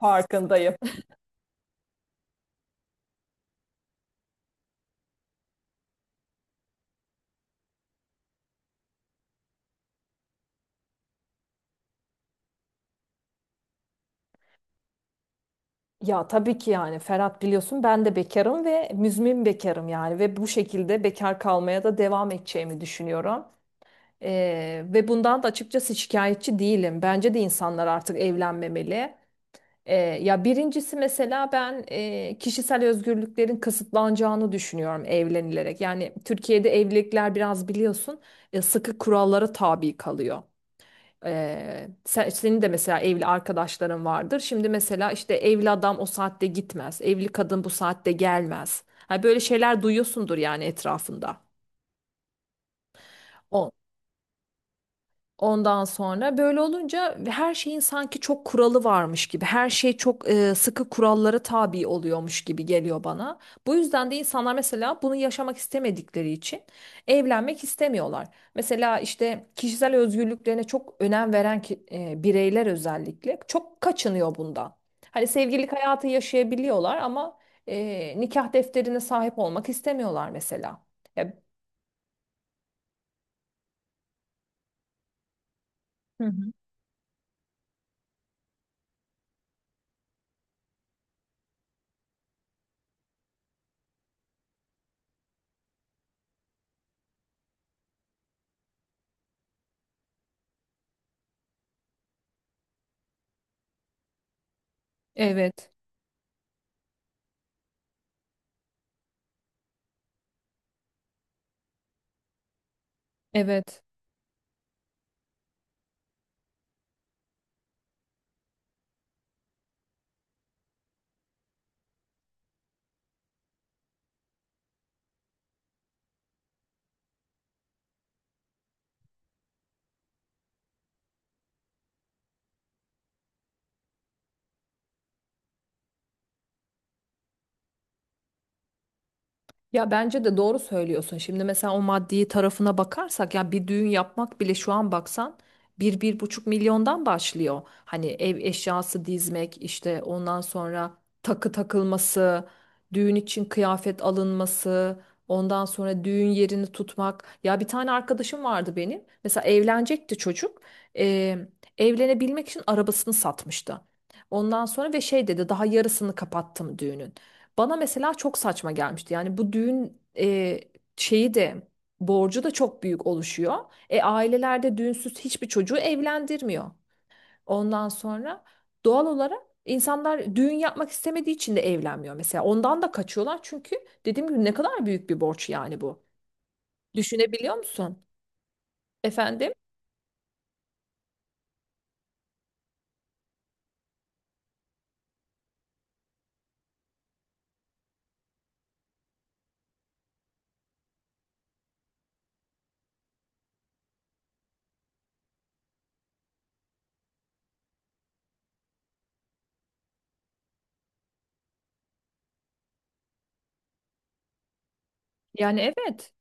Farkındayım. Ya tabii ki yani Ferhat biliyorsun ben de bekarım ve müzmin bekarım yani ve bu şekilde bekar kalmaya da devam edeceğimi düşünüyorum. Ve bundan da açıkçası şikayetçi değilim. Bence de insanlar artık evlenmemeli. Ya birincisi mesela ben kişisel özgürlüklerin kısıtlanacağını düşünüyorum evlenilerek. Yani Türkiye'de evlilikler biraz biliyorsun sıkı kurallara tabi kalıyor. Senin de mesela evli arkadaşların vardır. Şimdi mesela işte evli adam o saatte gitmez. Evli kadın bu saatte gelmez. Ha, böyle şeyler duyuyorsundur yani etrafında. Ondan sonra böyle olunca her şeyin sanki çok kuralı varmış gibi, her şey çok sıkı kurallara tabi oluyormuş gibi geliyor bana. Bu yüzden de insanlar mesela bunu yaşamak istemedikleri için evlenmek istemiyorlar. Mesela işte kişisel özgürlüklerine çok önem veren bireyler özellikle çok kaçınıyor bundan. Hani sevgililik hayatı yaşayabiliyorlar ama nikah defterine sahip olmak istemiyorlar mesela. Ya, hı hı. Evet, evet. Ya bence de doğru söylüyorsun. Şimdi mesela o maddi tarafına bakarsak ya bir düğün yapmak bile şu an baksan bir buçuk milyondan başlıyor. Hani ev eşyası dizmek işte ondan sonra takı takılması, düğün için kıyafet alınması, ondan sonra düğün yerini tutmak. Ya bir tane arkadaşım vardı benim. Mesela evlenecekti çocuk. Eee, Evlenebilmek için arabasını satmıştı. Ondan sonra ve şey dedi daha yarısını kapattım düğünün. Bana mesela çok saçma gelmişti. Yani bu düğün şeyi de borcu da çok büyük oluşuyor. Ailelerde düğünsüz hiçbir çocuğu evlendirmiyor. Ondan sonra doğal olarak insanlar düğün yapmak istemediği için de evlenmiyor mesela. Ondan da kaçıyorlar çünkü dediğim gibi ne kadar büyük bir borç yani bu. Düşünebiliyor musun? Efendim? Yani evet.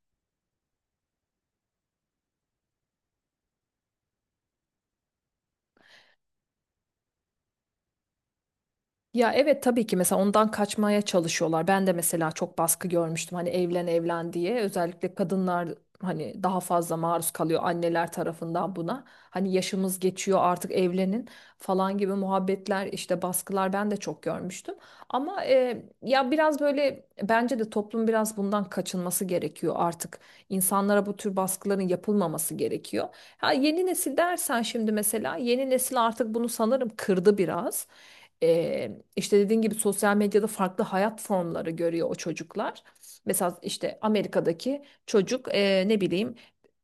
Ya evet tabii ki mesela ondan kaçmaya çalışıyorlar. Ben de mesela çok baskı görmüştüm hani evlen evlen diye. Özellikle kadınlar hani daha fazla maruz kalıyor anneler tarafından buna. Hani yaşımız geçiyor artık evlenin falan gibi muhabbetler işte baskılar ben de çok görmüştüm. Ama ya biraz böyle bence de toplum biraz bundan kaçınması gerekiyor artık. İnsanlara bu tür baskıların yapılmaması gerekiyor. Ha, yeni nesil dersen şimdi mesela yeni nesil artık bunu sanırım kırdı biraz. İşte dediğin gibi sosyal medyada farklı hayat formları görüyor o çocuklar. Mesela işte Amerika'daki çocuk ne bileyim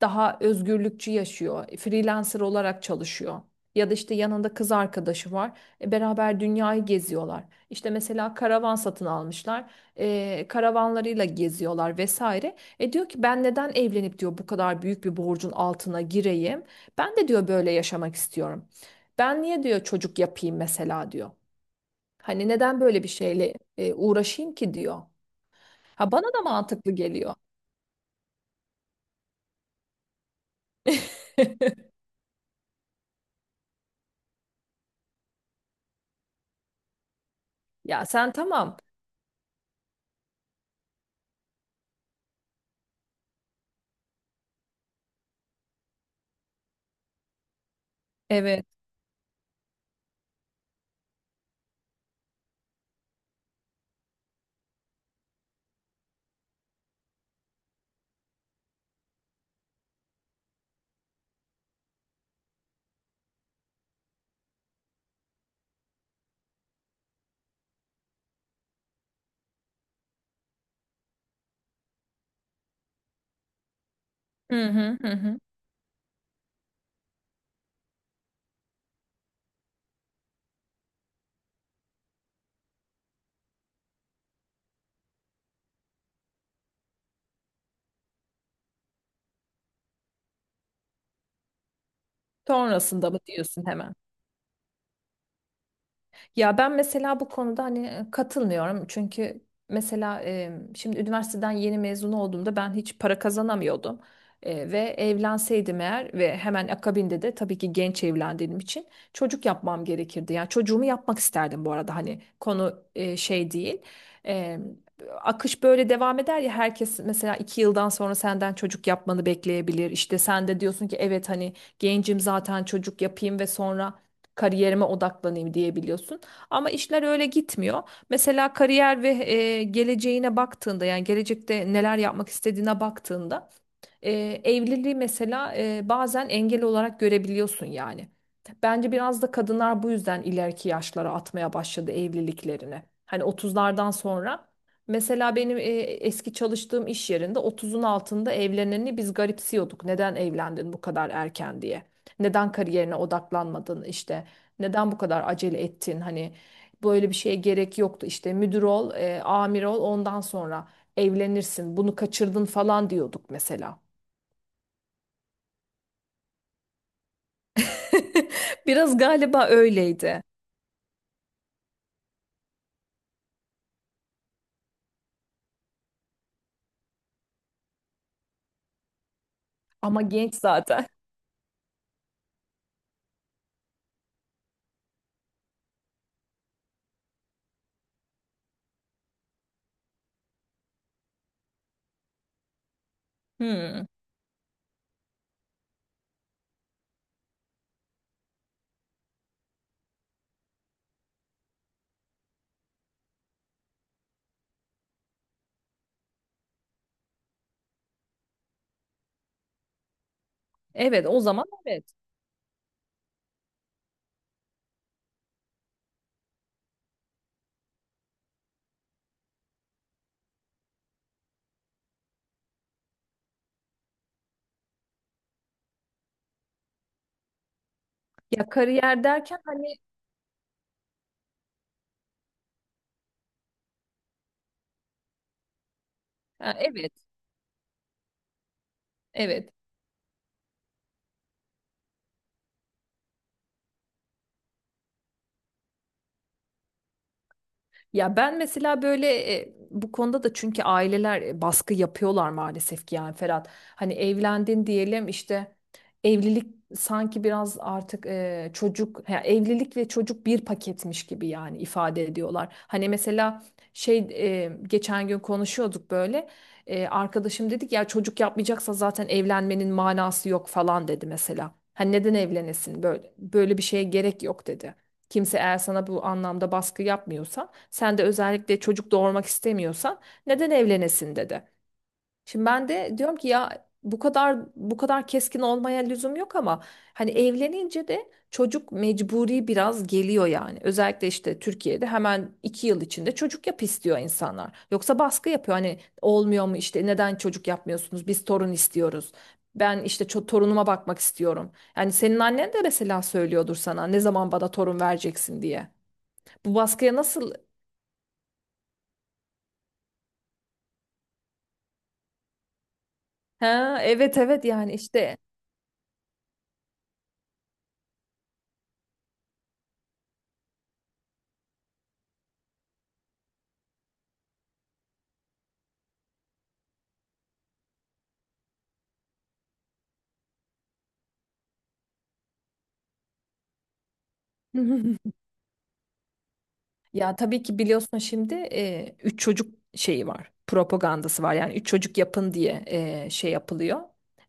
daha özgürlükçü yaşıyor. Freelancer olarak çalışıyor. Ya da işte yanında kız arkadaşı var. Beraber dünyayı geziyorlar. İşte mesela karavan satın almışlar. Karavanlarıyla geziyorlar vesaire. Diyor ki ben neden evlenip diyor bu kadar büyük bir borcun altına gireyim? Ben de diyor böyle yaşamak istiyorum. Ben niye diyor çocuk yapayım mesela diyor. Hani neden böyle bir şeyle uğraşayım ki diyor. Ha bana da mantıklı geliyor. Ya sen tamam. Evet. Hı hı hı, hı. Sonrasında mı diyorsun hemen? Ya ben mesela bu konuda hani katılmıyorum. Çünkü mesela şimdi üniversiteden yeni mezun olduğumda ben hiç para kazanamıyordum. Ve evlenseydim eğer ve hemen akabinde de tabii ki genç evlendiğim için çocuk yapmam gerekirdi. Yani çocuğumu yapmak isterdim bu arada hani konu şey değil. E, Akış böyle devam eder ya herkes mesela 2 yıldan sonra senden çocuk yapmanı bekleyebilir. İşte sen de diyorsun ki evet hani gencim zaten çocuk yapayım ve sonra kariyerime odaklanayım diyebiliyorsun. Ama işler öyle gitmiyor. Mesela kariyer ve geleceğine baktığında yani gelecekte neler yapmak istediğine baktığında e, evliliği mesela bazen engel olarak görebiliyorsun yani. Bence biraz da kadınlar bu yüzden ileriki yaşlara atmaya başladı evliliklerini. Hani 30'lardan sonra mesela benim eski çalıştığım iş yerinde 30'un altında evleneni biz garipsiyorduk. Neden evlendin bu kadar erken diye. Neden kariyerine odaklanmadın işte. Neden bu kadar acele ettin hani böyle bir şeye gerek yoktu işte müdür ol, amir ol ondan sonra evlenirsin. Bunu kaçırdın falan diyorduk mesela. Biraz galiba öyleydi. Ama genç zaten. Hmm. Evet, o zaman evet. Ya kariyer derken hani ha, evet, evet. Ya ben mesela böyle bu konuda da çünkü aileler baskı yapıyorlar maalesef ki yani Ferhat. Hani evlendin diyelim işte evlilik sanki biraz artık çocuk ya evlilik ve çocuk bir paketmiş gibi yani ifade ediyorlar. Hani mesela şey geçen gün konuşuyorduk böyle. Arkadaşım dedik ya çocuk yapmayacaksa zaten evlenmenin manası yok falan dedi mesela. Hani neden evlenesin böyle böyle bir şeye gerek yok dedi. Kimse eğer sana bu anlamda baskı yapmıyorsa. Sen de özellikle çocuk doğurmak istemiyorsan neden evlenesin dedi. Şimdi ben de diyorum ki ya bu kadar keskin olmaya lüzum yok ama hani evlenince de çocuk mecburi biraz geliyor yani. Özellikle işte Türkiye'de hemen 2 yıl içinde çocuk yap istiyor insanlar. Yoksa baskı yapıyor hani olmuyor mu işte neden çocuk yapmıyorsunuz biz torun istiyoruz. Ben işte torunuma bakmak istiyorum. Yani senin annen de mesela söylüyordur sana ne zaman bana torun vereceksin diye. Bu baskıya nasıl... Ha, evet evet yani işte. Ya tabii ki biliyorsun şimdi 3 çocuk şeyi var propagandası var yani 3 çocuk yapın diye şey yapılıyor.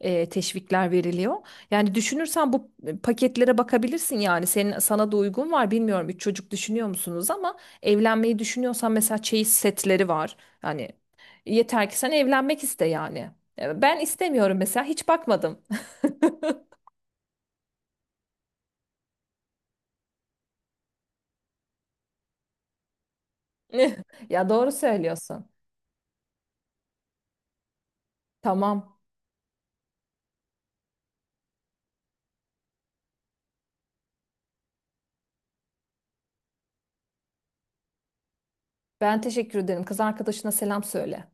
Teşvikler veriliyor yani düşünürsen bu paketlere bakabilirsin yani sana da uygun var bilmiyorum 3 çocuk düşünüyor musunuz ama evlenmeyi düşünüyorsan mesela çeyiz setleri var yani yeter ki sen evlenmek iste yani. Ben istemiyorum mesela hiç bakmadım. Ya doğru söylüyorsun. Tamam. Ben teşekkür ederim. Kız arkadaşına selam söyle.